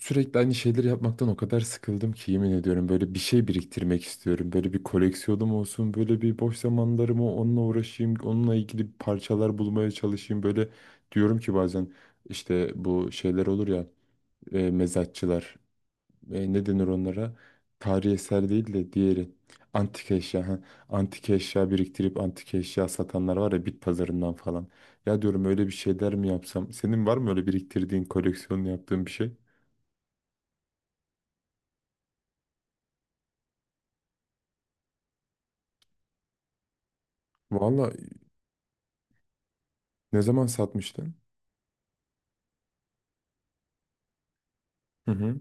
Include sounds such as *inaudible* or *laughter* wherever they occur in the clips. Sürekli aynı şeyleri yapmaktan o kadar sıkıldım ki yemin ediyorum böyle bir şey biriktirmek istiyorum. Böyle bir koleksiyonum olsun, böyle bir boş zamanlarımı onunla uğraşayım, onunla ilgili parçalar bulmaya çalışayım. Böyle diyorum ki bazen işte bu şeyler olur ya. Mezatçılar, ne denir onlara? Tarihi eser değil de diğeri, antik eşya. Ha. Antik eşya biriktirip antik eşya satanlar var ya, bit pazarından falan. Ya diyorum, öyle bir şeyler mi yapsam? Senin var mı öyle biriktirdiğin, koleksiyonunu yaptığın bir şey? Valla. Ne zaman satmıştın? Hı hı.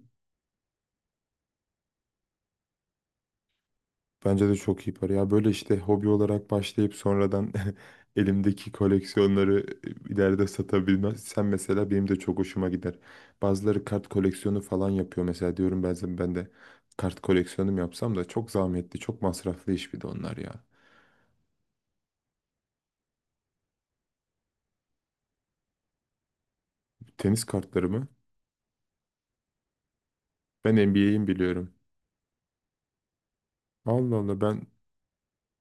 Bence de çok iyi para. Ya böyle işte hobi olarak başlayıp sonradan *laughs* elimdeki koleksiyonları ileride satabilmem. Sen mesela, benim de çok hoşuma gider. Bazıları kart koleksiyonu falan yapıyor mesela, diyorum ben de kart koleksiyonum yapsam, da çok zahmetli, çok masraflı iş bir de onlar ya. Tenis kartları mı? Ben NBA'in biliyorum. Allah Allah, ben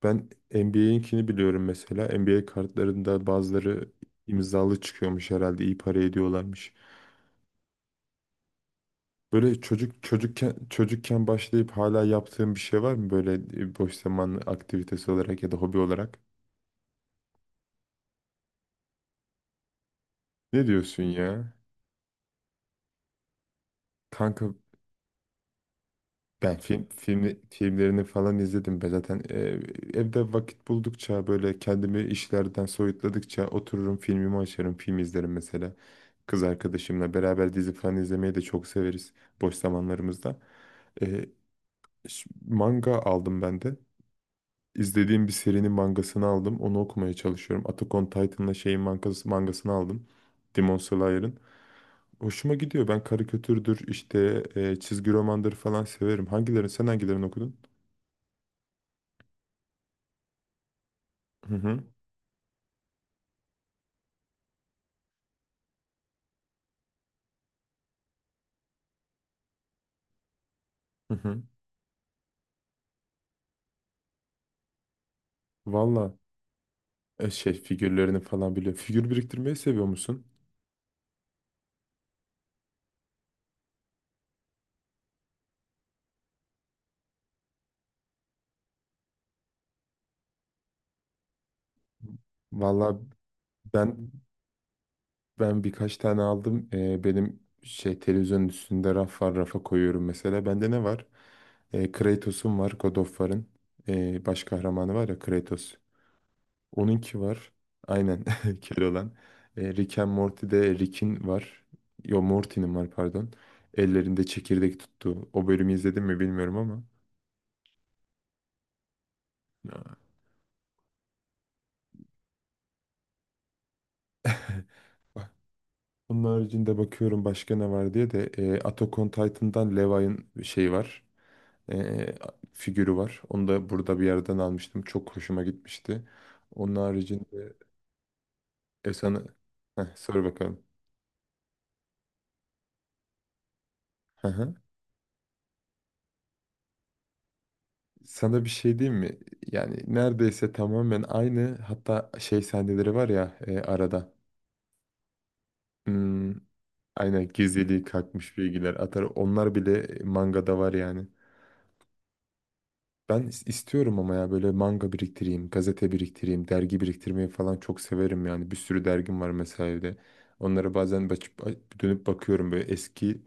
ben NBA'inkini biliyorum mesela. NBA kartlarında bazıları imzalı çıkıyormuş, herhalde iyi para ediyorlarmış. Böyle çocukken başlayıp hala yaptığın bir şey var mı böyle, boş zaman aktivitesi olarak ya da hobi olarak? Ne diyorsun ya? Kanka, ben filmlerini falan izledim. Ben zaten evde vakit buldukça, böyle kendimi işlerden soyutladıkça otururum, filmimi açarım, film izlerim mesela. Kız arkadaşımla beraber dizi falan izlemeyi de çok severiz boş zamanlarımızda. E, Manga aldım ben de. İzlediğim bir serinin mangasını aldım. Onu okumaya çalışıyorum. Attack on Titan'la şeyin mangasını aldım. Demon Slayer'ın. Hoşuma gidiyor. Ben karikatürdür, işte çizgi romandır falan severim. Sen hangilerini okudun? Hı hı, hı hı. Valla, şey, figürlerini falan biliyorum. Figür biriktirmeyi seviyor musun? Valla, ben Ben birkaç tane aldım. Benim şey, televizyonun üstünde raf var. Rafa koyuyorum mesela. Bende ne var? Kratos'um var. God of War'ın baş kahramanı var ya, Kratos. Onunki var. Aynen. *laughs* Keloğlan. Rick and Morty'de Rick'in var. Yo, Morty'nin var, pardon. Ellerinde çekirdek tuttu. O bölümü izledim mi bilmiyorum ama. Aa. Onun haricinde bakıyorum başka ne var diye de Attack on Titan'dan Levi'ın şeyi var, e, figürü var. Onu da burada bir yerden almıştım. Çok hoşuma gitmişti. Onun haricinde e sana heh, sor bakalım. Hı hı. Sana bir şey diyeyim mi? Yani neredeyse tamamen aynı, hatta şey sahneleri var ya, arada. Hmm, aynen, gizliliği kalkmış bilgiler atar. Onlar bile mangada var yani. Ben istiyorum ama, ya böyle manga biriktireyim, gazete biriktireyim, dergi biriktirmeyi falan çok severim yani. Bir sürü dergim var mesela evde. Onlara bazen açıp dönüp bakıyorum, böyle eski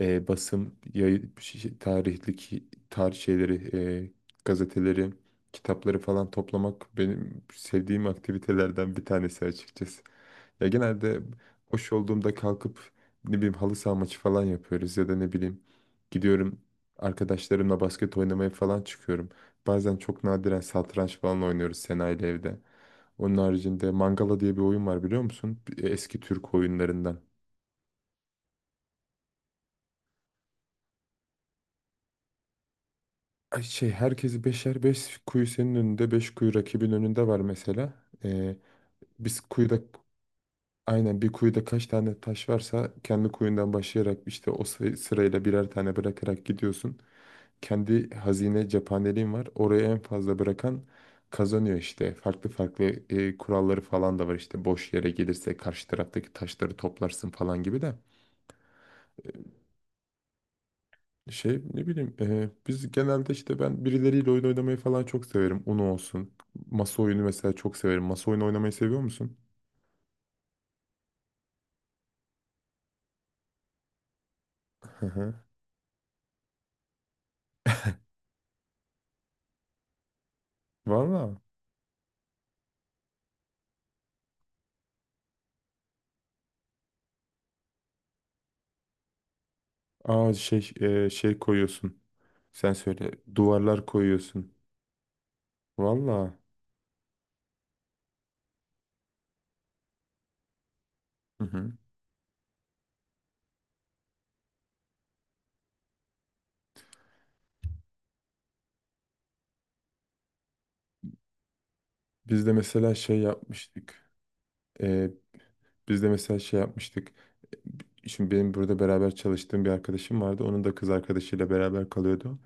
basım, yayı, tarih şeyleri, e, gazeteleri, kitapları falan toplamak benim sevdiğim aktivitelerden bir tanesi açıkçası. Ya genelde boş olduğumda kalkıp, ne bileyim, halı saha maçı falan yapıyoruz, ya da ne bileyim, gidiyorum, arkadaşlarımla basket oynamaya falan çıkıyorum. Bazen çok nadiren satranç falan oynuyoruz Sena ile evde. Onun haricinde Mangala diye bir oyun var, biliyor musun? Eski Türk oyunlarından. Ay, şey, herkesi beşer, beş kuyu senin önünde, beş kuyu rakibin önünde var mesela. Ee, Biz kuyuda. Aynen, bir kuyuda kaç tane taş varsa, kendi kuyundan başlayarak işte o sırayla birer tane bırakarak gidiyorsun. Kendi hazine cephaneliğin var. Oraya en fazla bırakan kazanıyor işte. Farklı farklı kuralları falan da var işte. Boş yere gelirse karşı taraftaki taşları toplarsın falan gibi de. Şey, ne bileyim, biz genelde, işte, ben birileriyle oyun oynamayı falan çok severim. Uno olsun. Masa oyunu mesela çok severim. Masa oyunu oynamayı seviyor musun? Hı hı. Valla. Aa, şey, şey koyuyorsun. Sen söyle. Duvarlar koyuyorsun. Valla. Hı hı. Biz de mesela şey yapmıştık. E, Biz de mesela şey yapmıştık. Şimdi benim burada beraber çalıştığım bir arkadaşım vardı. Onun da kız arkadaşıyla beraber kalıyordu.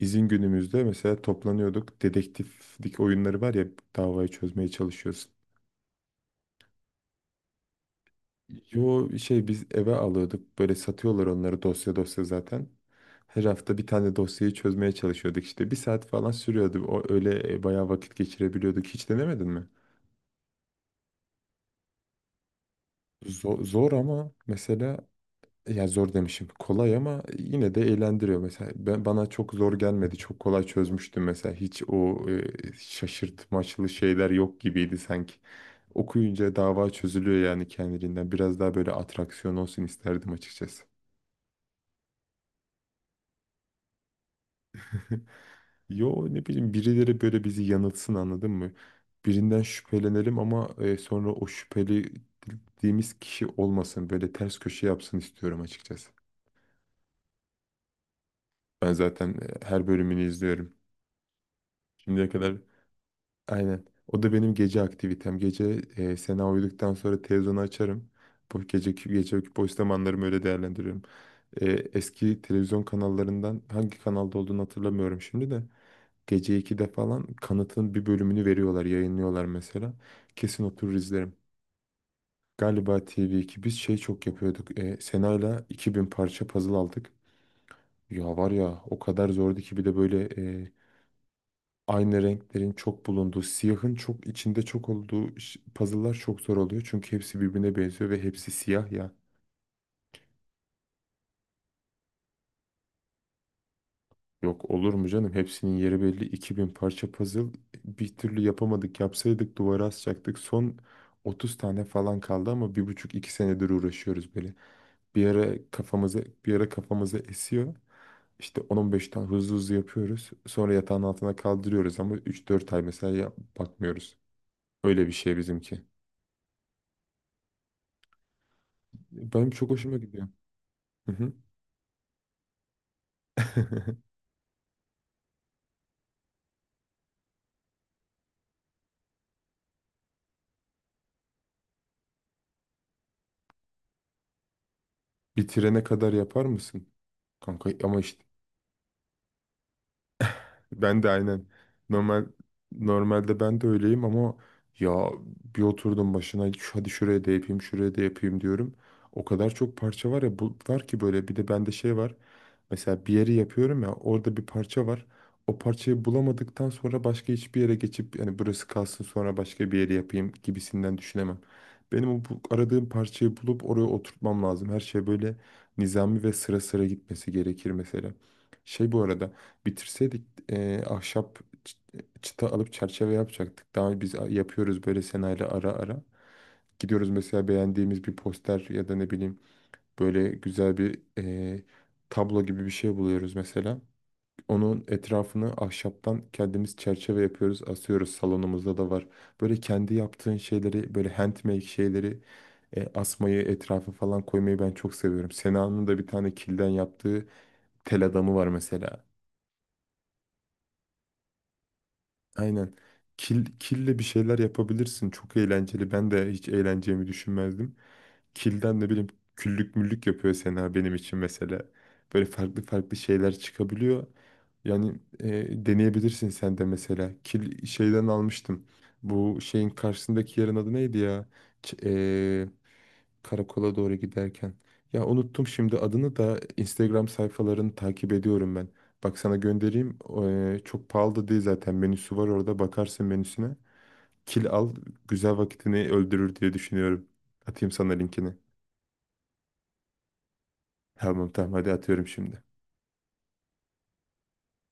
İzin günümüzde mesela toplanıyorduk. Dedektiflik oyunları var ya, davayı çözmeye çalışıyorsun. Yo, şey, biz eve alıyorduk. Böyle satıyorlar onları, dosya dosya zaten. Her hafta bir tane dosyayı çözmeye çalışıyorduk işte. Bir saat falan sürüyordu. O öyle bayağı vakit geçirebiliyorduk. Hiç denemedin mi? Zor, zor ama mesela, ya zor demişim. Kolay, ama yine de eğlendiriyor. Mesela ben, bana çok zor gelmedi. Çok kolay çözmüştüm mesela. Hiç o şaşırtmaçlı şeyler yok gibiydi sanki. Okuyunca dava çözülüyor yani, kendiliğinden. Biraz daha böyle atraksiyon olsun isterdim açıkçası. *laughs* Yo, ne bileyim, birileri böyle bizi yanıltsın, anladın mı? Birinden şüphelenelim ama sonra o şüphelediğimiz kişi olmasın. Böyle ters köşe yapsın istiyorum açıkçası. Ben zaten her bölümünü izliyorum. Şimdiye kadar, aynen. O da benim gece aktivitem. Gece Sena uyuduktan sonra televizyonu açarım. Bu geceki boş zamanlarımı öyle değerlendiriyorum. Eski televizyon kanallarından hangi kanalda olduğunu hatırlamıyorum şimdi de. Gece 2'de falan kanıtın bir bölümünü veriyorlar, yayınlıyorlar mesela. Kesin oturur izlerim. Galiba TV2. Biz şey çok yapıyorduk. Sena'yla 2000 parça puzzle aldık. Ya var ya, o kadar zordu ki, bir de böyle e, aynı renklerin çok bulunduğu, siyahın çok içinde çok olduğu puzzle'lar çok zor oluyor. Çünkü hepsi birbirine benziyor ve hepsi siyah yani. Yok, olur mu canım? Hepsinin yeri belli. 2000 parça puzzle. Bir türlü yapamadık. Yapsaydık duvara asacaktık. Son 30 tane falan kaldı ama bir buçuk iki senedir uğraşıyoruz böyle. Bir ara kafamıza bir ara kafamıza esiyor. İşte 10-15 tane hızlı hızlı yapıyoruz. Sonra yatağın altına kaldırıyoruz, ama 3-4 ay mesela bakmıyoruz. Öyle bir şey bizimki. Benim çok hoşuma gidiyor. Hı hı. *laughs* Bitirene kadar yapar mısın? Kanka ama işte, ben de aynen. Normal normalde ben de öyleyim ama, ya, bir oturdum başına, Hadi şuraya da yapayım, şuraya da yapayım," diyorum. O kadar çok parça var ya, bu var ki, böyle bir de bende şey var. Mesela bir yeri yapıyorum ya, orada bir parça var. O parçayı bulamadıktan sonra başka hiçbir yere geçip, yani, burası kalsın, sonra başka bir yeri yapayım, gibisinden düşünemem. Benim o aradığım parçayı bulup oraya oturtmam lazım. Her şey böyle nizami ve sıra sıra gitmesi gerekir mesela. Şey, bu arada, bitirseydik ahşap çıta alıp çerçeve yapacaktık. Daha biz yapıyoruz böyle Sena'yla ara ara. Gidiyoruz mesela, beğendiğimiz bir poster ya da ne bileyim, böyle güzel bir tablo gibi bir şey buluyoruz mesela. Onun etrafını ahşaptan kendimiz çerçeve yapıyoruz, asıyoruz. Salonumuzda da var. Böyle kendi yaptığın şeyleri, böyle handmade şeyleri asmayı, etrafa falan koymayı ben çok seviyorum. Sena'nın da bir tane kilden yaptığı tel adamı var mesela. Aynen. Kille bir şeyler yapabilirsin. Çok eğlenceli. Ben de hiç eğleneceğimi düşünmezdim. Kilden, ne bileyim, küllük müllük yapıyor Sena benim için mesela. Böyle farklı farklı şeyler çıkabiliyor. Yani, deneyebilirsin sen de mesela. Kil şeyden almıştım. Bu şeyin karşısındaki yerin adı neydi ya? Ç- e, Karakola doğru giderken. Ya, unuttum şimdi adını da. Instagram sayfalarını takip ediyorum ben. Bak, sana göndereyim. O, çok pahalı da değil zaten. Menüsü var orada. Bakarsın menüsüne. Kil al. Güzel vakitini öldürür diye düşünüyorum. Atayım sana linkini. Tamam tamam, hadi atıyorum şimdi.